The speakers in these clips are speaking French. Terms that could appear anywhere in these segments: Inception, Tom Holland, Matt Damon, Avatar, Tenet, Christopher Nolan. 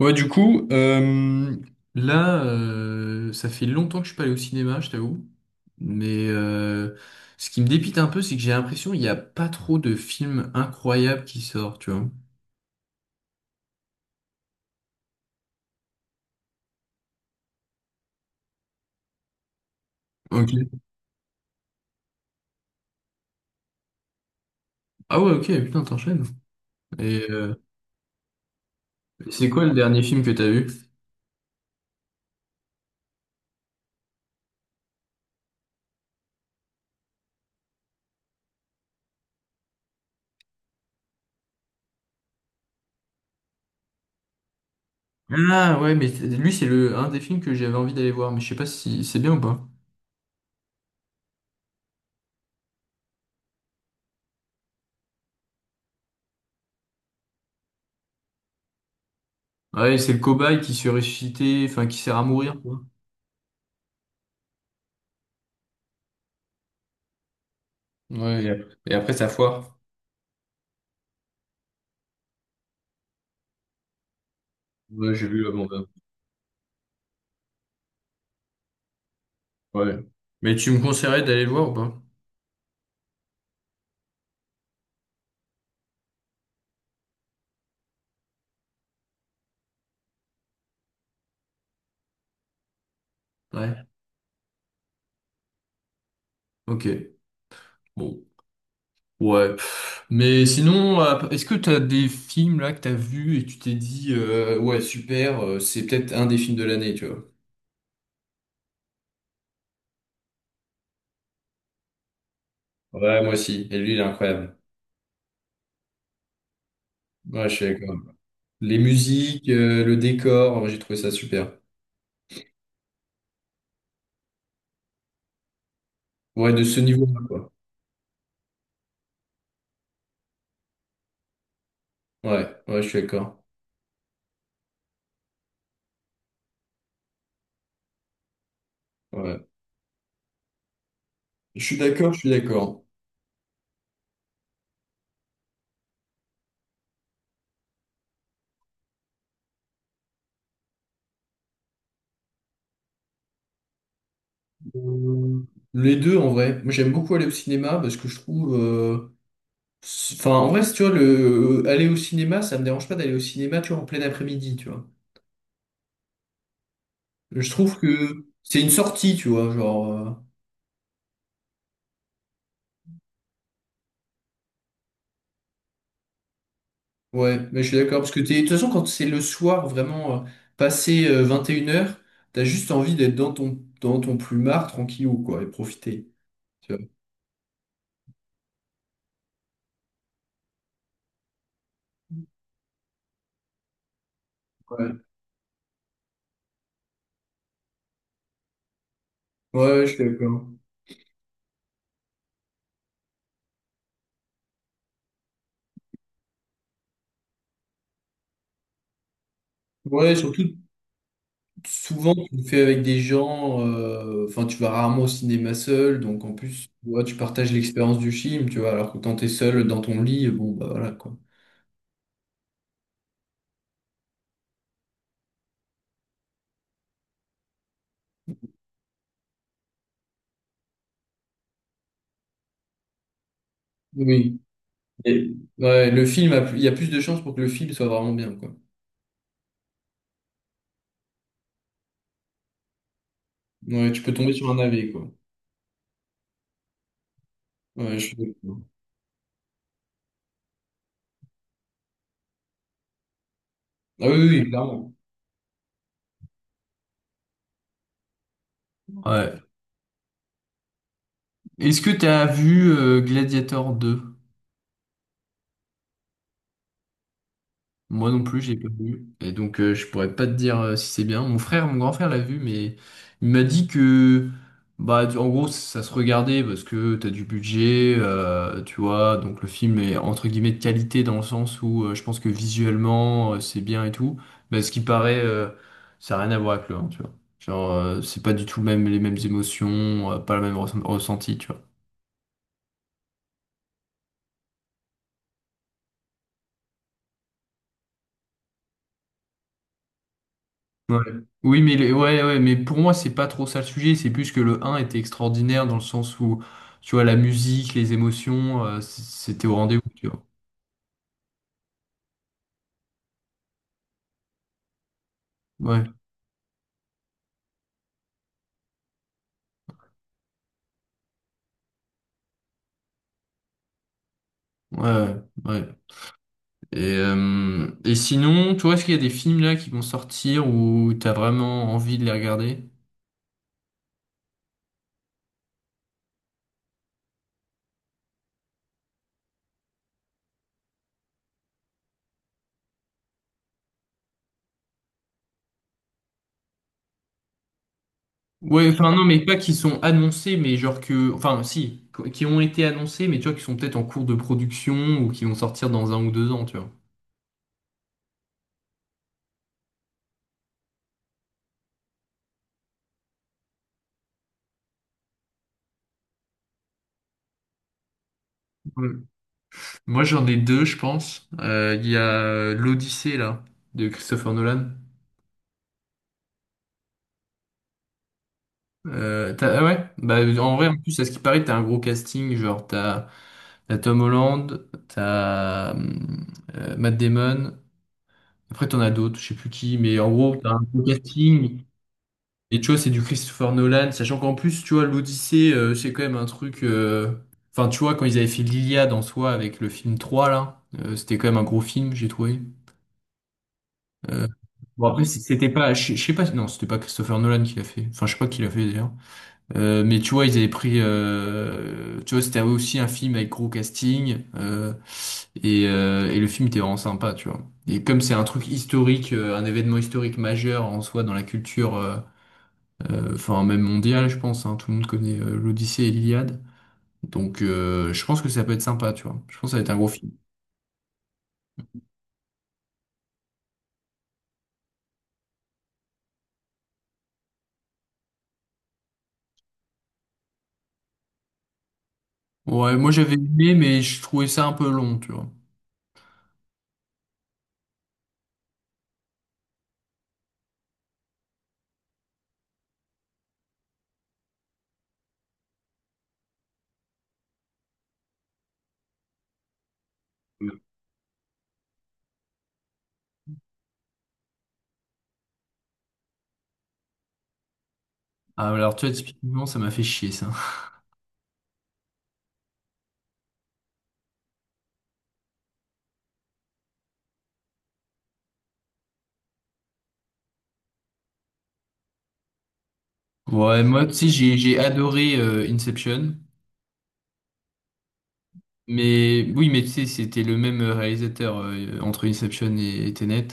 Ouais, du coup, là, ça fait longtemps que je suis pas allé au cinéma, je t'avoue. Mais ce qui me dépite un peu, c'est que j'ai l'impression qu'il n'y a pas trop de films incroyables qui sortent, tu vois. Ok. Ah ouais, ok, putain, t'enchaînes. Et c'est quoi le dernier film que t'as vu? Ah ouais, mais lui, c'est le un des films que j'avais envie d'aller voir, mais je sais pas si c'est bien ou pas. Ouais, c'est le cobaye qui se ressuscite, enfin, qui sert à mourir, quoi. Ouais, et après, ça foire. Ouais, j'ai vu, ah bon, bah. Ouais. Mais tu me conseillerais d'aller le voir ou pas? Ouais. Ok. Bon. Ouais. Mais sinon, est-ce que t'as des films là que t'as as vus et tu t'es dit, ouais, super, c'est peut-être un des films de l'année, tu vois. Ouais, moi aussi. Et lui, il est incroyable. Ouais, je suis d'accord. Les musiques, le décor, ouais, j'ai trouvé ça super. Ouais, de ce niveau-là, quoi. Ouais, ouais, je suis d'accord. Ouais. Je suis d'accord, je suis d'accord. Euh, Les deux, en vrai. Moi, j'aime beaucoup aller au cinéma parce que je trouve, enfin, en vrai, si tu vois, le aller au cinéma, ça me dérange pas d'aller au cinéma, tu vois, en plein après-midi, tu vois. Je trouve que c'est une sortie, tu vois, genre, ouais, mais je suis d'accord, parce que t'es, de toute façon, quand c'est le soir, vraiment, passé 21 heures, t'as juste envie d'être dans ton, dans ton plumard, tranquillou, quoi, et profiter. Tu vois. Ouais, ouais, ouais, je suis d'accord. Ouais, surtout, souvent, tu le fais avec des gens, enfin, tu vas rarement au cinéma seul, donc en plus, tu vois, tu partages l'expérience du film, tu vois, alors que quand t'es seul dans ton lit, bon, bah voilà, quoi. Oui. Ouais, le film a plus- il y a plus de chances pour que le film soit vraiment bien, quoi. Ouais, tu peux tomber sur un navet, quoi. Ouais, je suis d'accord. Ah oui, oui, oui, clairement. Ouais. Est-ce que tu as vu Gladiator 2? Moi non plus, j'ai pas vu. Et donc, je pourrais pas te dire si c'est bien. Mon frère, mon grand frère l'a vu, mais il m'a dit que, bah, en gros, ça se regardait parce que t'as du budget, tu vois. Donc, le film est entre guillemets de qualité dans le sens où je pense que visuellement, c'est bien et tout. Mais ce qui paraît, ça n'a rien à voir avec le 1, tu vois. Genre, c'est pas du tout le même, les mêmes émotions, pas le même ressenti, tu vois. Ouais. Oui, mais, ouais, ouais, mais pour moi, c'est pas trop ça le sujet. C'est plus que le un était extraordinaire dans le sens où, tu vois, la musique, les émotions, c'était au rendez-vous, tu vois. Ouais, ouais, ouais. Et, sinon, toi, est-ce qu'il y a des films là qui vont sortir où t'as vraiment envie de les regarder? Ouais, enfin, non, mais pas qui sont annoncés, mais genre que, enfin, si, qui ont été annoncés, mais tu vois, qui sont peut-être en cours de production ou qui vont sortir dans un ou deux ans, tu vois. Moi, j'en ai deux, je pense. Il y a l'Odyssée, là, de Christopher Nolan. Ah ouais, bah, en vrai, en plus, à ce qui paraît, t'as un gros casting. Genre, t'as Tom Holland, t'as Matt Damon. Après, t'en as d'autres, je sais plus qui, mais en gros, t'as un gros casting. Et tu vois, c'est du Christopher Nolan. Sachant qu'en plus, tu vois, l'Odyssée, c'est quand même un truc, enfin, tu vois, quand ils avaient fait l'Iliade en soi avec le film 3 là, c'était quand même un gros film, j'ai trouvé. Euh, bon après, c'était pas, je sais pas, non, c'était pas Christopher Nolan qui l'a fait, enfin, je sais pas qui l'a fait d'ailleurs. Mais tu vois, ils avaient pris, tu vois, c'était aussi un film avec gros casting, et le film était vraiment sympa, tu vois, et comme c'est un truc historique, un événement historique majeur en soi dans la culture, enfin, même mondiale, je pense, hein, tout le monde connaît l'Odyssée et l'Iliade, donc je pense que ça peut être sympa, tu vois, je pense que ça va être un gros film. Ouais, moi j'avais aimé, mais je trouvais ça un peu long, tu vois. Ah, alors, tu vois, typiquement, ça m'a fait chier, ça. Ouais, moi, tu sais, j'ai adoré Inception. Mais oui, mais tu sais, c'était le même réalisateur entre Inception et Tenet.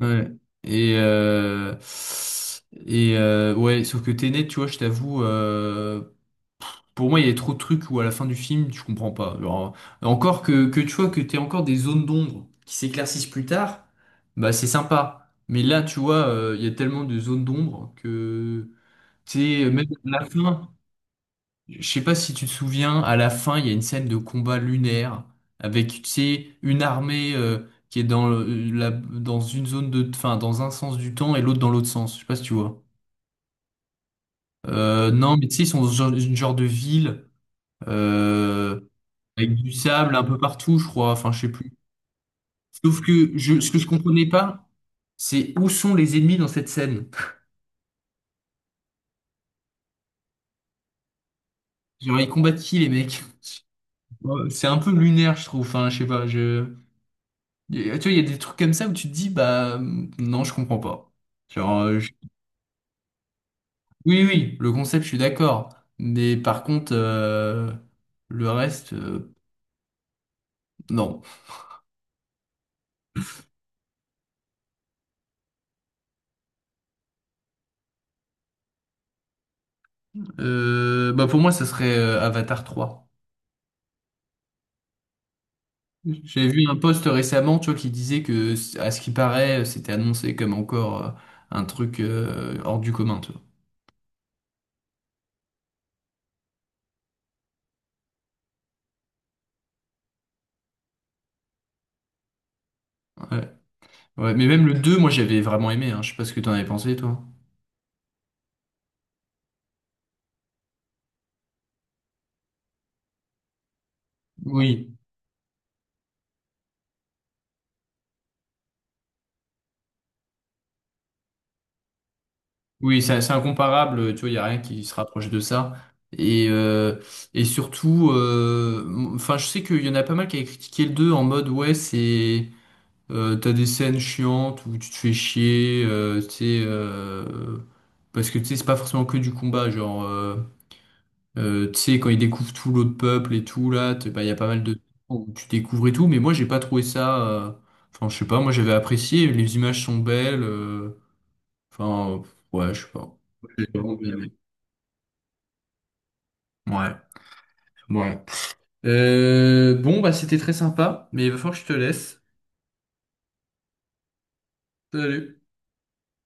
Ouais. Et, ouais, sauf que Tenet, tu vois, je t'avoue, pour moi, il y a trop de trucs où à la fin du film, tu comprends pas. Genre, encore que, tu vois que t'es encore des zones d'ombre qui s'éclaircissent plus tard, bah c'est sympa. Mais là, tu vois, il y a tellement de zones d'ombre que. Tu sais, même à la fin, je sais pas si tu te souviens, à la fin, il y a une scène de combat lunaire avec, tu sais, une armée, qui est dans la, dans une zone de, enfin, dans un sens du temps et l'autre dans l'autre sens. Je sais pas si tu vois. Non, mais tu sais, ils sont dans une genre de ville, euh, avec du sable un peu partout, je crois. Enfin, je sais plus. Sauf que ce que je comprenais pas, c'est où sont les ennemis dans cette scène? Genre, ils combattent qui, les mecs? Ouais, c'est un peu lunaire, je trouve. Enfin, je sais pas, je. Tu vois, il y a des trucs comme ça où tu te dis, bah, non, je comprends pas. Genre, oui, oui, le concept, je suis d'accord. Mais par contre, le reste, non. Bah, pour moi, ça serait Avatar 3. J'avais vu un post récemment, tu vois, qui disait que, à ce qui paraît, c'était annoncé comme encore un truc hors du commun, tu vois. Ouais. Ouais, mais même le 2 moi, j'avais vraiment aimé, hein. Je sais pas ce que t'en avais pensé, toi. Oui. Oui, c'est incomparable, tu vois, il n'y a rien qui se rapproche de ça. Et, surtout, enfin, je sais qu'il y en a pas mal qui avaient critiqué le 2 en mode, ouais, c'est, t'as des scènes chiantes où tu te fais chier, tu sais, parce que tu sais, c'est pas forcément que du combat, genre, tu sais, quand ils découvrent tout l'autre peuple et tout, là, bah, il y a pas mal de où tu découvres et tout, mais moi, j'ai pas trouvé ça, enfin, je sais pas, moi, j'avais apprécié, les images sont belles, Enfin, euh, ouais, je sais pas. J'ai vraiment bien aimé. Ouais, ouais. Bon, bah c'était très sympa, mais il va falloir que je te laisse. Salut.